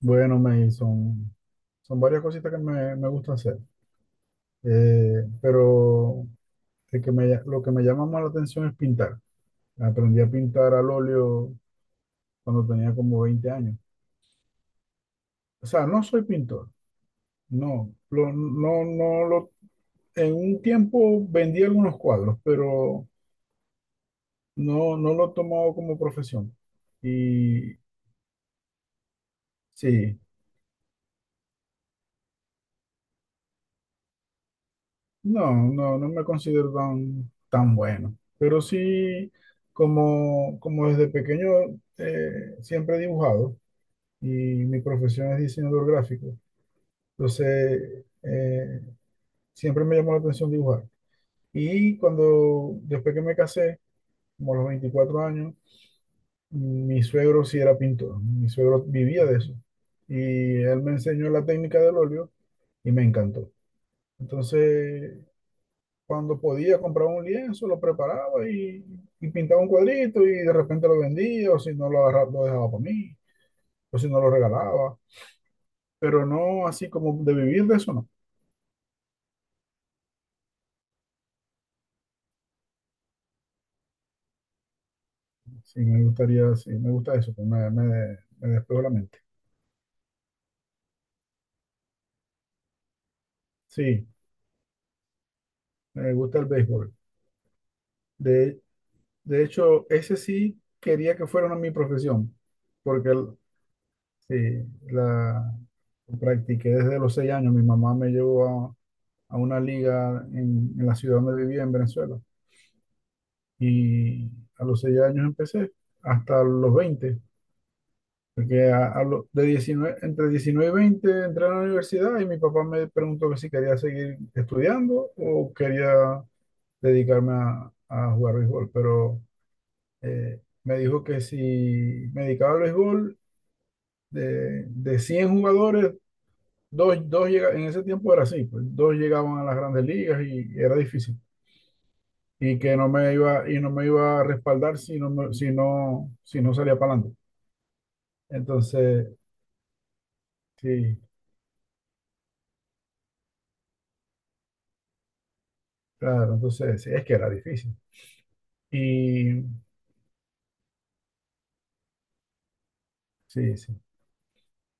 Bueno, son varias cositas que me gusta hacer. Pero lo que me llama más la atención es pintar. Aprendí a pintar al óleo cuando tenía como 20 años. O sea, no soy pintor. No, no, no lo... En un tiempo vendí algunos cuadros, pero no, no lo he tomado como profesión. Y sí, no, no, no me considero tan bueno, pero sí, como desde pequeño siempre he dibujado, y mi profesión es diseñador gráfico. Entonces siempre me llamó la atención dibujar. Después que me casé, como a los 24 años, mi suegro sí era pintor, mi suegro vivía de eso, y él me enseñó la técnica del óleo y me encantó. Entonces, cuando podía comprar un lienzo, lo preparaba, y pintaba un cuadrito, y de repente lo vendía, o si no lo agarraba, lo dejaba para mí, o si no lo regalaba. Pero no así como de vivir de eso, no. Sí, me gustaría, sí, me gusta eso, pues me despejo la mente. Sí, me gusta el béisbol. De, de hecho, ese sí quería que fuera una mi profesión, porque sí, la practiqué desde los 6 años. Mi mamá me llevó a una liga en la ciudad donde vivía, en Venezuela. Y a los 6 años empecé, hasta los 20, porque a lo- de 19 entre 19 y 20 entré a la universidad, y mi papá me preguntó que si quería seguir estudiando o quería dedicarme a jugar béisbol. Pero me dijo que si me dedicaba al béisbol, de 100 jugadores, en ese tiempo era así, pues, dos llegaban a las grandes ligas y era difícil. Y no me iba a respaldar si no salía para... Entonces, sí, claro, entonces sí, es que era difícil. Y sí, sí.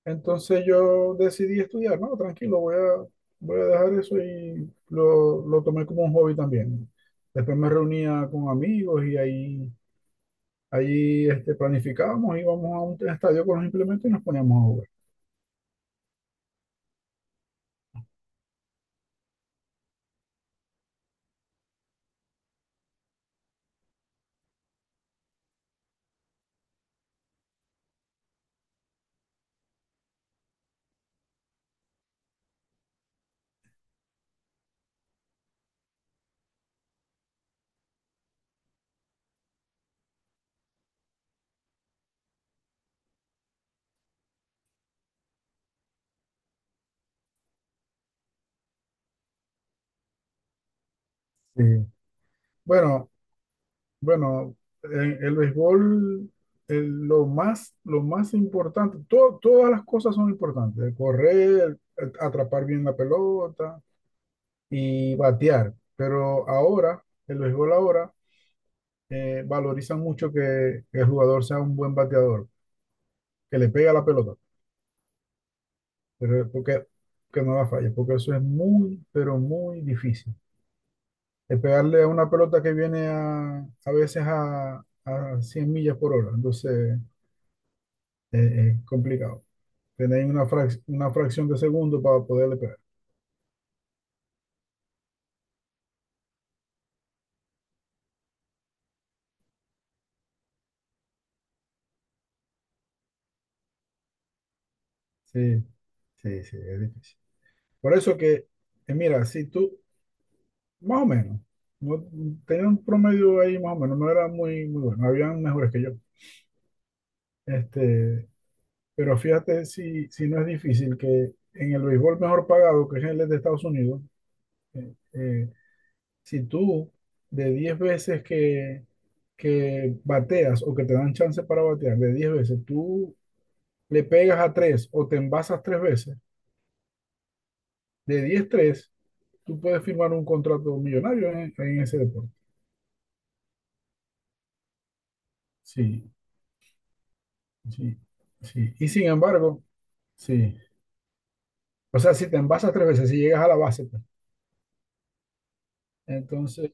Entonces yo decidí estudiar. No, tranquilo, voy a dejar eso, y lo tomé como un hobby también. Después me reunía con amigos, y planificábamos, íbamos a un estadio con los implementos y nos poníamos a jugar. Sí. Bueno, Bueno, en el béisbol, lo más importante, todas las cosas son importantes: el correr, el atrapar bien la pelota y batear. Pero ahora, el béisbol ahora valoriza mucho que el jugador sea un buen bateador, que le pegue a la pelota, pero porque, que no la falle, porque eso es muy, pero muy difícil. El pegarle a una pelota que viene a veces a 100 millas por hora. Entonces es complicado. Tenéis una fracción de segundo para poderle pegar. Sí, sí, sí, es difícil. Por eso que, mira, si tú, más o menos, no, tenía un promedio ahí más o menos, no era muy, bueno, habían mejores que yo. Este, pero fíjate si no es difícil que en el béisbol mejor pagado, que es el de Estados Unidos, eh, eh, si tú de 10 veces que bateas o que te dan chance para batear, de 10 veces, tú le pegas a 3 o te envasas 3 veces. De 10, tres, tú puedes firmar un contrato millonario en ese deporte. Sí, sí, sí. Y sin embargo, sí. O sea, si te envasas 3 veces, si llegas a la base, pues, entonces,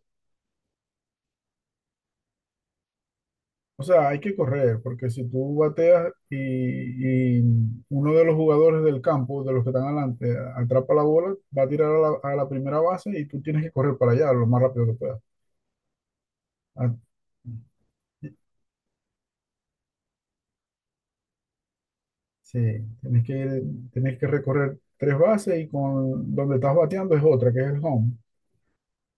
o sea, hay que correr, porque si tú bateas, y uno de los jugadores del campo, de los que están adelante, atrapa la bola, va a tirar a la primera base, y tú tienes que correr para allá lo más rápido que puedas. Ah, sí, tienes que recorrer tres bases, y con donde estás bateando es otra, que es el home.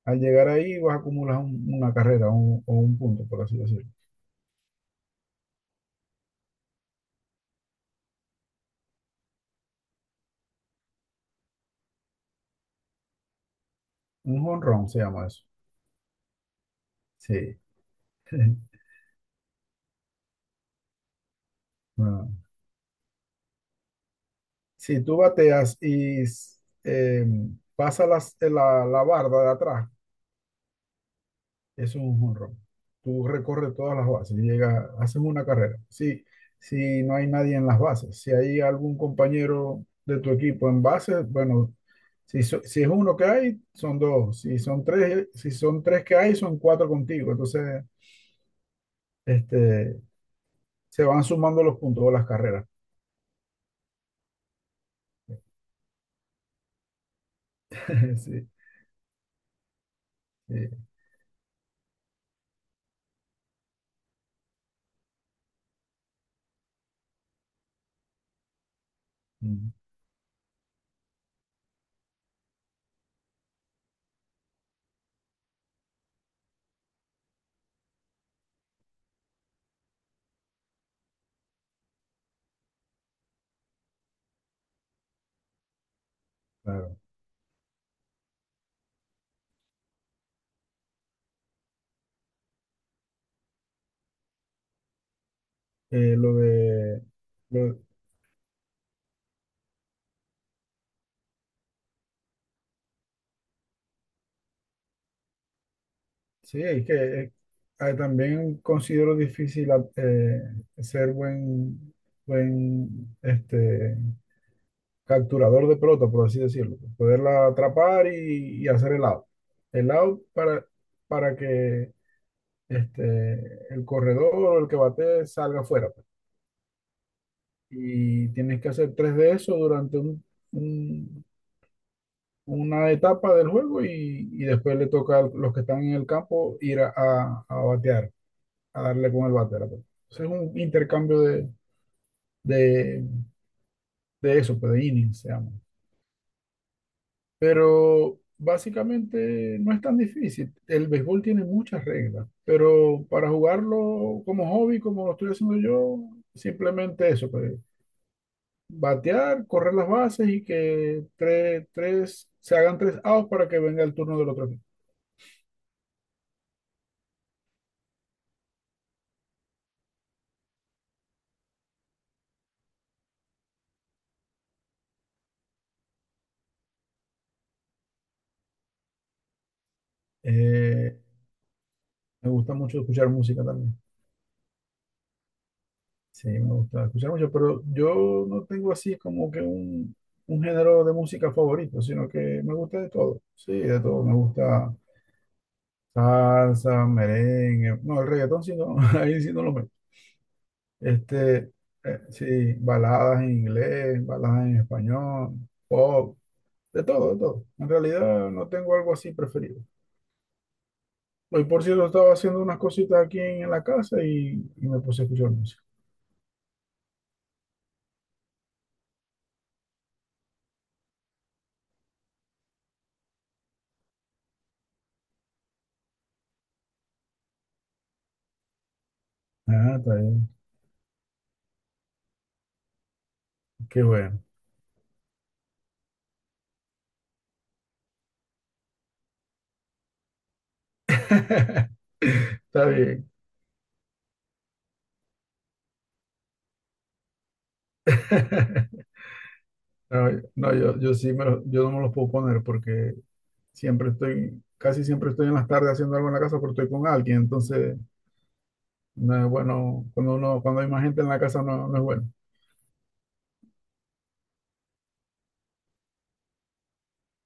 Al llegar ahí vas a acumular una carrera, o un punto, por así decirlo. Un home run se llama eso. Sí. Ah. Si tú bateas y pasa la barda de atrás, eso es un home run. Tú recorres todas las bases y llegas, haces una carrera. Si, si no hay nadie en las bases, si hay algún compañero de tu equipo en bases, bueno, si es uno que hay, son dos. Si son tres que hay, son cuatro contigo. Entonces, este, se van sumando los puntos o las carreras. Sí, sí, mm, claro. Eh, lo de, lo- sí, es que eh, ah, también considero difícil, ah, ser buen capturador de pelota, por así decirlo. Poderla atrapar y hacer el out. El out para que el corredor o el que bate salga afuera, pues. Y tienes que hacer tres de eso durante una etapa del juego, y después le toca a los que están en el campo ir a batear, a darle con el bate a la pelota. Entonces es un intercambio de, de eso, pues de innings se llama. Pero básicamente no es tan difícil. El béisbol tiene muchas reglas, pero para jugarlo como hobby, como lo estoy haciendo yo, simplemente eso, pues, batear, correr las bases y que se hagan tres outs para que venga el turno del otro equipo. Eh, Me gusta mucho escuchar música también. Sí, me gusta escuchar mucho, pero yo no tengo así como que un género de música favorito, sino que me gusta de todo. Sí, de todo. Me gusta salsa, merengue. No, el reggaetón sí no, ahí sí no lo meto. Este, sí, baladas en inglés, baladas en español, pop, de todo, de todo. En realidad no tengo algo así preferido. Hoy, por cierto, estaba haciendo unas cositas aquí en la casa, y me puse a escuchar música. Ah, está bien. Qué bueno. Está bien. No, no, yo no me los puedo poner porque casi siempre estoy en las tardes haciendo algo en la casa porque estoy con alguien. Entonces, no es bueno, cuando hay más gente en la casa, no, no es bueno.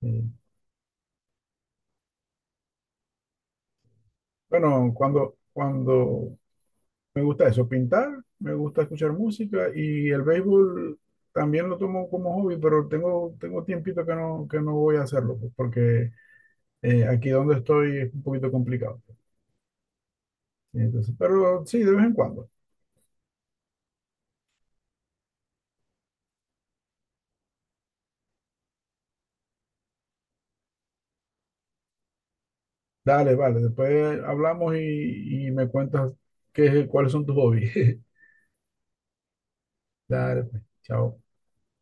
Sí. Bueno, cuando me gusta eso, pintar, me gusta escuchar música, y el béisbol también lo tomo como hobby, pero tengo tiempito que no voy a hacerlo, pues, porque aquí donde estoy es un poquito complicado. Entonces, pero sí, de vez en cuando. Dale, vale. Después hablamos, y me cuentas cuáles son tus hobbies. Dale, pues. Chao.